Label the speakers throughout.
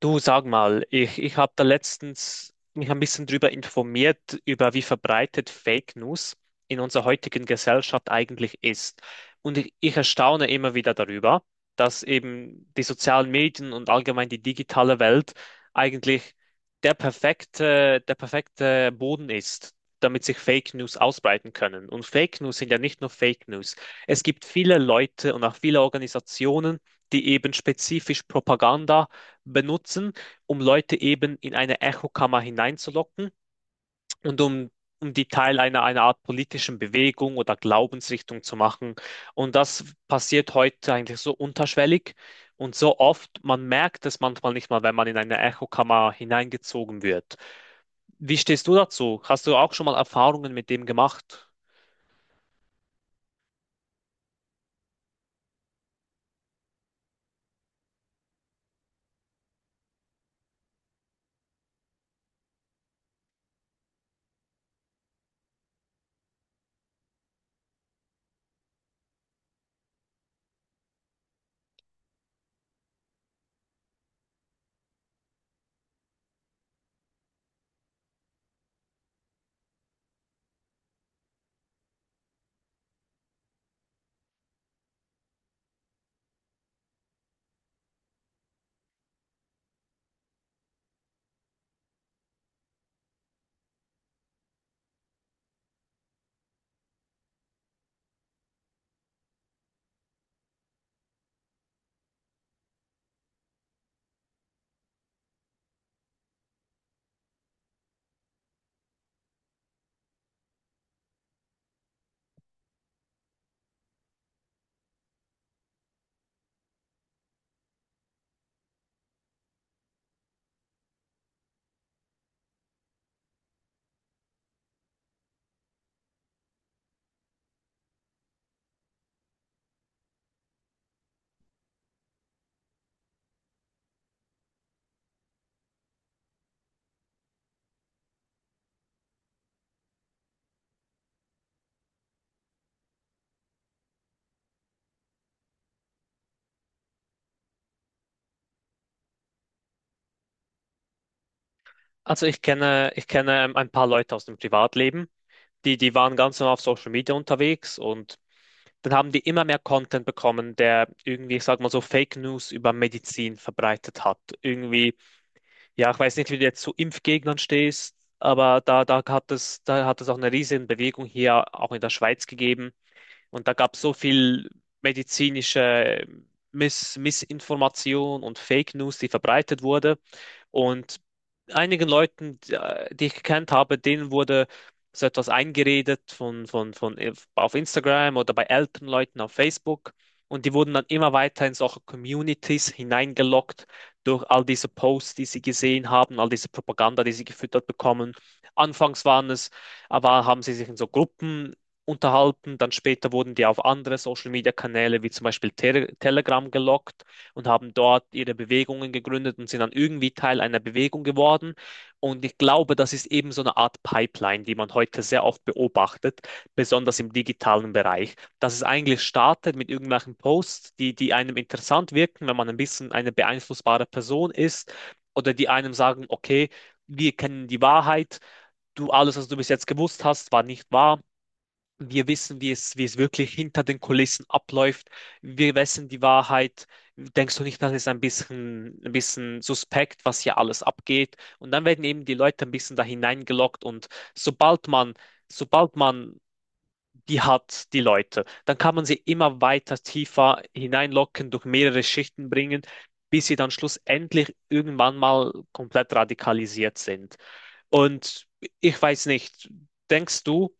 Speaker 1: Du sag mal, ich habe da letztens mich ein bisschen drüber informiert, über wie verbreitet Fake News in unserer heutigen Gesellschaft eigentlich ist. Und ich erstaune immer wieder darüber, dass eben die sozialen Medien und allgemein die digitale Welt eigentlich der perfekte Boden ist, damit sich Fake News ausbreiten können. Und Fake News sind ja nicht nur Fake News. Es gibt viele Leute und auch viele Organisationen, die eben spezifisch Propaganda benutzen, um Leute eben in eine Echokammer hineinzulocken und um die Teil einer Art politischen Bewegung oder Glaubensrichtung zu machen. Und das passiert heute eigentlich so unterschwellig und so oft, man merkt es manchmal nicht mal, wenn man in eine Echokammer hineingezogen wird. Wie stehst du dazu? Hast du auch schon mal Erfahrungen mit dem gemacht? Also ich kenne ein paar Leute aus dem Privatleben, die waren ganz normal auf Social Media unterwegs und dann haben die immer mehr Content bekommen, der irgendwie, ich sag mal so, Fake News über Medizin verbreitet hat. Irgendwie, ja, ich weiß nicht, wie du jetzt zu Impfgegnern stehst, aber da hat es auch eine riesen Bewegung hier, auch in der Schweiz gegeben, und da gab es so viel medizinische Missinformation und Fake News, die verbreitet wurde. Und einigen Leuten, die ich gekannt habe, denen wurde so etwas eingeredet von auf Instagram oder bei älteren Leuten auf Facebook. Und die wurden dann immer weiter in solche Communities hineingelockt durch all diese Posts, die sie gesehen haben, all diese Propaganda, die sie gefüttert bekommen. Anfangs waren es, aber haben sie sich in so Gruppen unterhalten. Dann später wurden die auf andere Social-Media-Kanäle wie zum Beispiel Telegram gelockt und haben dort ihre Bewegungen gegründet und sind dann irgendwie Teil einer Bewegung geworden. Und ich glaube, das ist eben so eine Art Pipeline, die man heute sehr oft beobachtet, besonders im digitalen Bereich, dass es eigentlich startet mit irgendwelchen Posts, die einem interessant wirken, wenn man ein bisschen eine beeinflussbare Person ist oder die einem sagen, okay, wir kennen die Wahrheit, du alles, was du bis jetzt gewusst hast, war nicht wahr, wir wissen, wie es wirklich hinter den Kulissen abläuft. Wir wissen die Wahrheit. Denkst du nicht, das ist ein bisschen suspekt, was hier alles abgeht? Und dann werden eben die Leute ein bisschen da hineingelockt und sobald man, sobald man die hat, die Leute, dann kann man sie immer weiter tiefer hineinlocken, durch mehrere Schichten bringen, bis sie dann schlussendlich irgendwann mal komplett radikalisiert sind. Und ich weiß nicht, denkst du,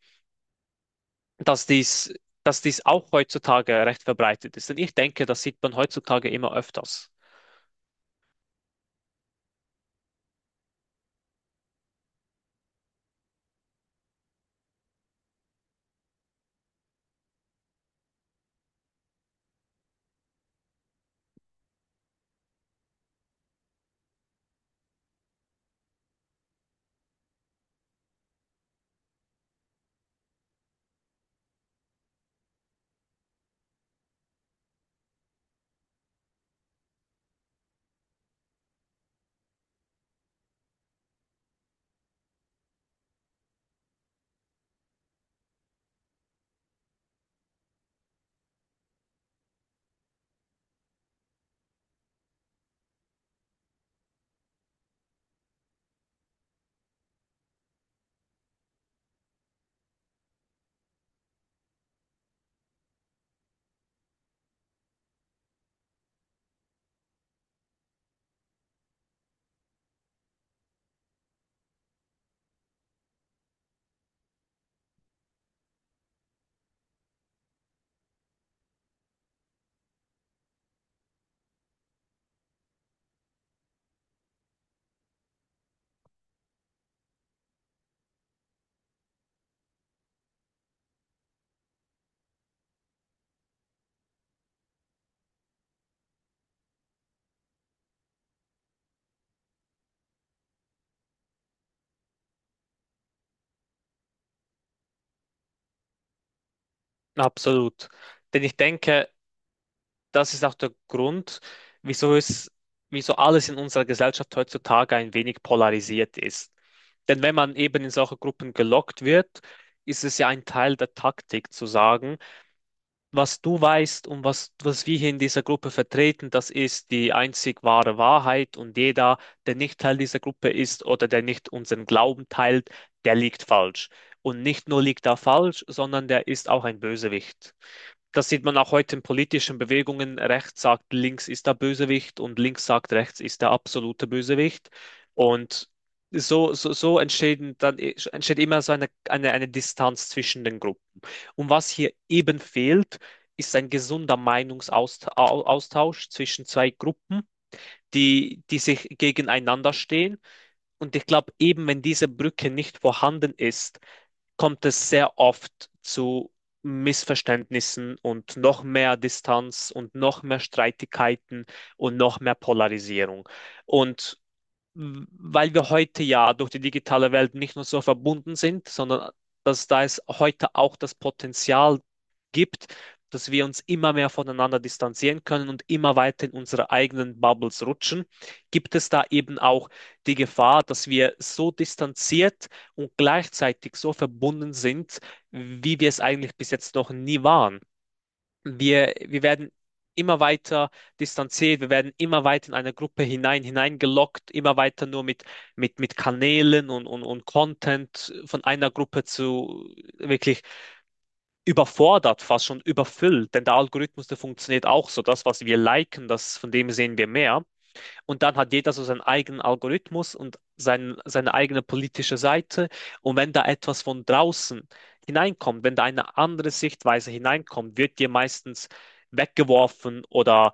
Speaker 1: dass dies, dass dies auch heutzutage recht verbreitet ist? Denn ich denke, das sieht man heutzutage immer öfters. Absolut. Denn ich denke, das ist auch der Grund, wieso es, wieso alles in unserer Gesellschaft heutzutage ein wenig polarisiert ist. Denn wenn man eben in solche Gruppen gelockt wird, ist es ja ein Teil der Taktik zu sagen, was du weißt und was wir hier in dieser Gruppe vertreten, das ist die einzig wahre Wahrheit und jeder, der nicht Teil dieser Gruppe ist oder der nicht unseren Glauben teilt, der liegt falsch. Und nicht nur liegt er falsch, sondern der ist auch ein Bösewicht. Das sieht man auch heute in politischen Bewegungen. Rechts sagt, links ist der Bösewicht und links sagt, rechts ist der absolute Bösewicht. Und so entstehen dann, entsteht immer so eine Distanz zwischen den Gruppen. Und was hier eben fehlt, ist ein gesunder Meinungsaustausch zwischen zwei Gruppen, die sich gegeneinander stehen. Und ich glaube, eben wenn diese Brücke nicht vorhanden ist, kommt es sehr oft zu Missverständnissen und noch mehr Distanz und noch mehr Streitigkeiten und noch mehr Polarisierung. Und weil wir heute ja durch die digitale Welt nicht nur so verbunden sind, sondern dass da es heute auch das Potenzial gibt, dass wir uns immer mehr voneinander distanzieren können und immer weiter in unsere eigenen Bubbles rutschen, gibt es da eben auch die Gefahr, dass wir so distanziert und gleichzeitig so verbunden sind, wie wir es eigentlich bis jetzt noch nie waren. Wir werden immer weiter distanziert, wir werden immer weiter in eine Gruppe hineingelockt, immer weiter nur mit Kanälen und Content von einer Gruppe zu wirklich überfordert, fast schon überfüllt. Denn der Algorithmus, der funktioniert auch so. Das, was wir liken, das, von dem sehen wir mehr. Und dann hat jeder so seinen eigenen Algorithmus und seine eigene politische Seite. Und wenn da etwas von draußen hineinkommt, wenn da eine andere Sichtweise hineinkommt, wird dir meistens weggeworfen oder,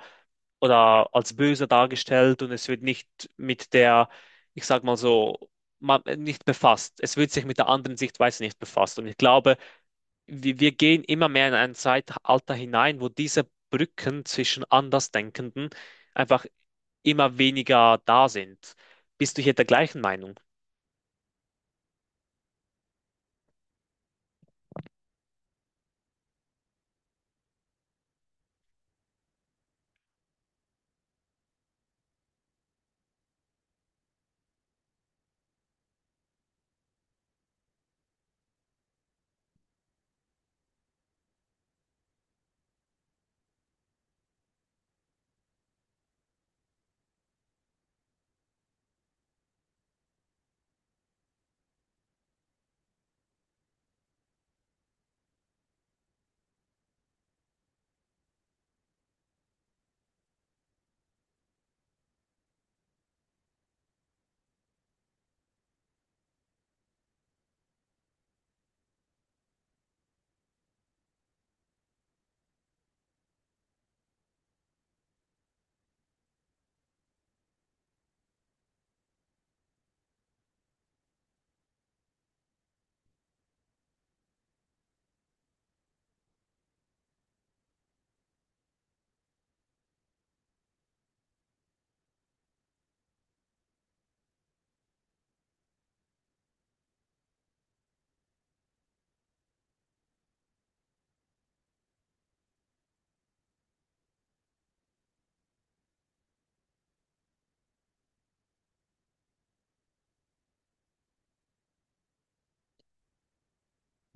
Speaker 1: oder als böse dargestellt und es wird nicht mit der, ich sag mal so, nicht befasst. Es wird sich mit der anderen Sichtweise nicht befasst. Und ich glaube, wir gehen immer mehr in ein Zeitalter hinein, wo diese Brücken zwischen Andersdenkenden einfach immer weniger da sind. Bist du hier der gleichen Meinung?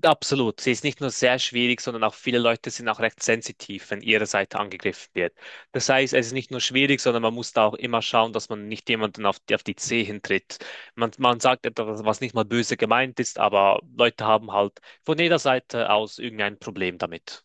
Speaker 1: Absolut. Sie ist nicht nur sehr schwierig, sondern auch viele Leute sind auch recht sensitiv, wenn ihre Seite angegriffen wird. Das heißt, es ist nicht nur schwierig, sondern man muss da auch immer schauen, dass man nicht jemanden auf die Zehen tritt. Man sagt etwas, was nicht mal böse gemeint ist, aber Leute haben halt von jeder Seite aus irgendein Problem damit.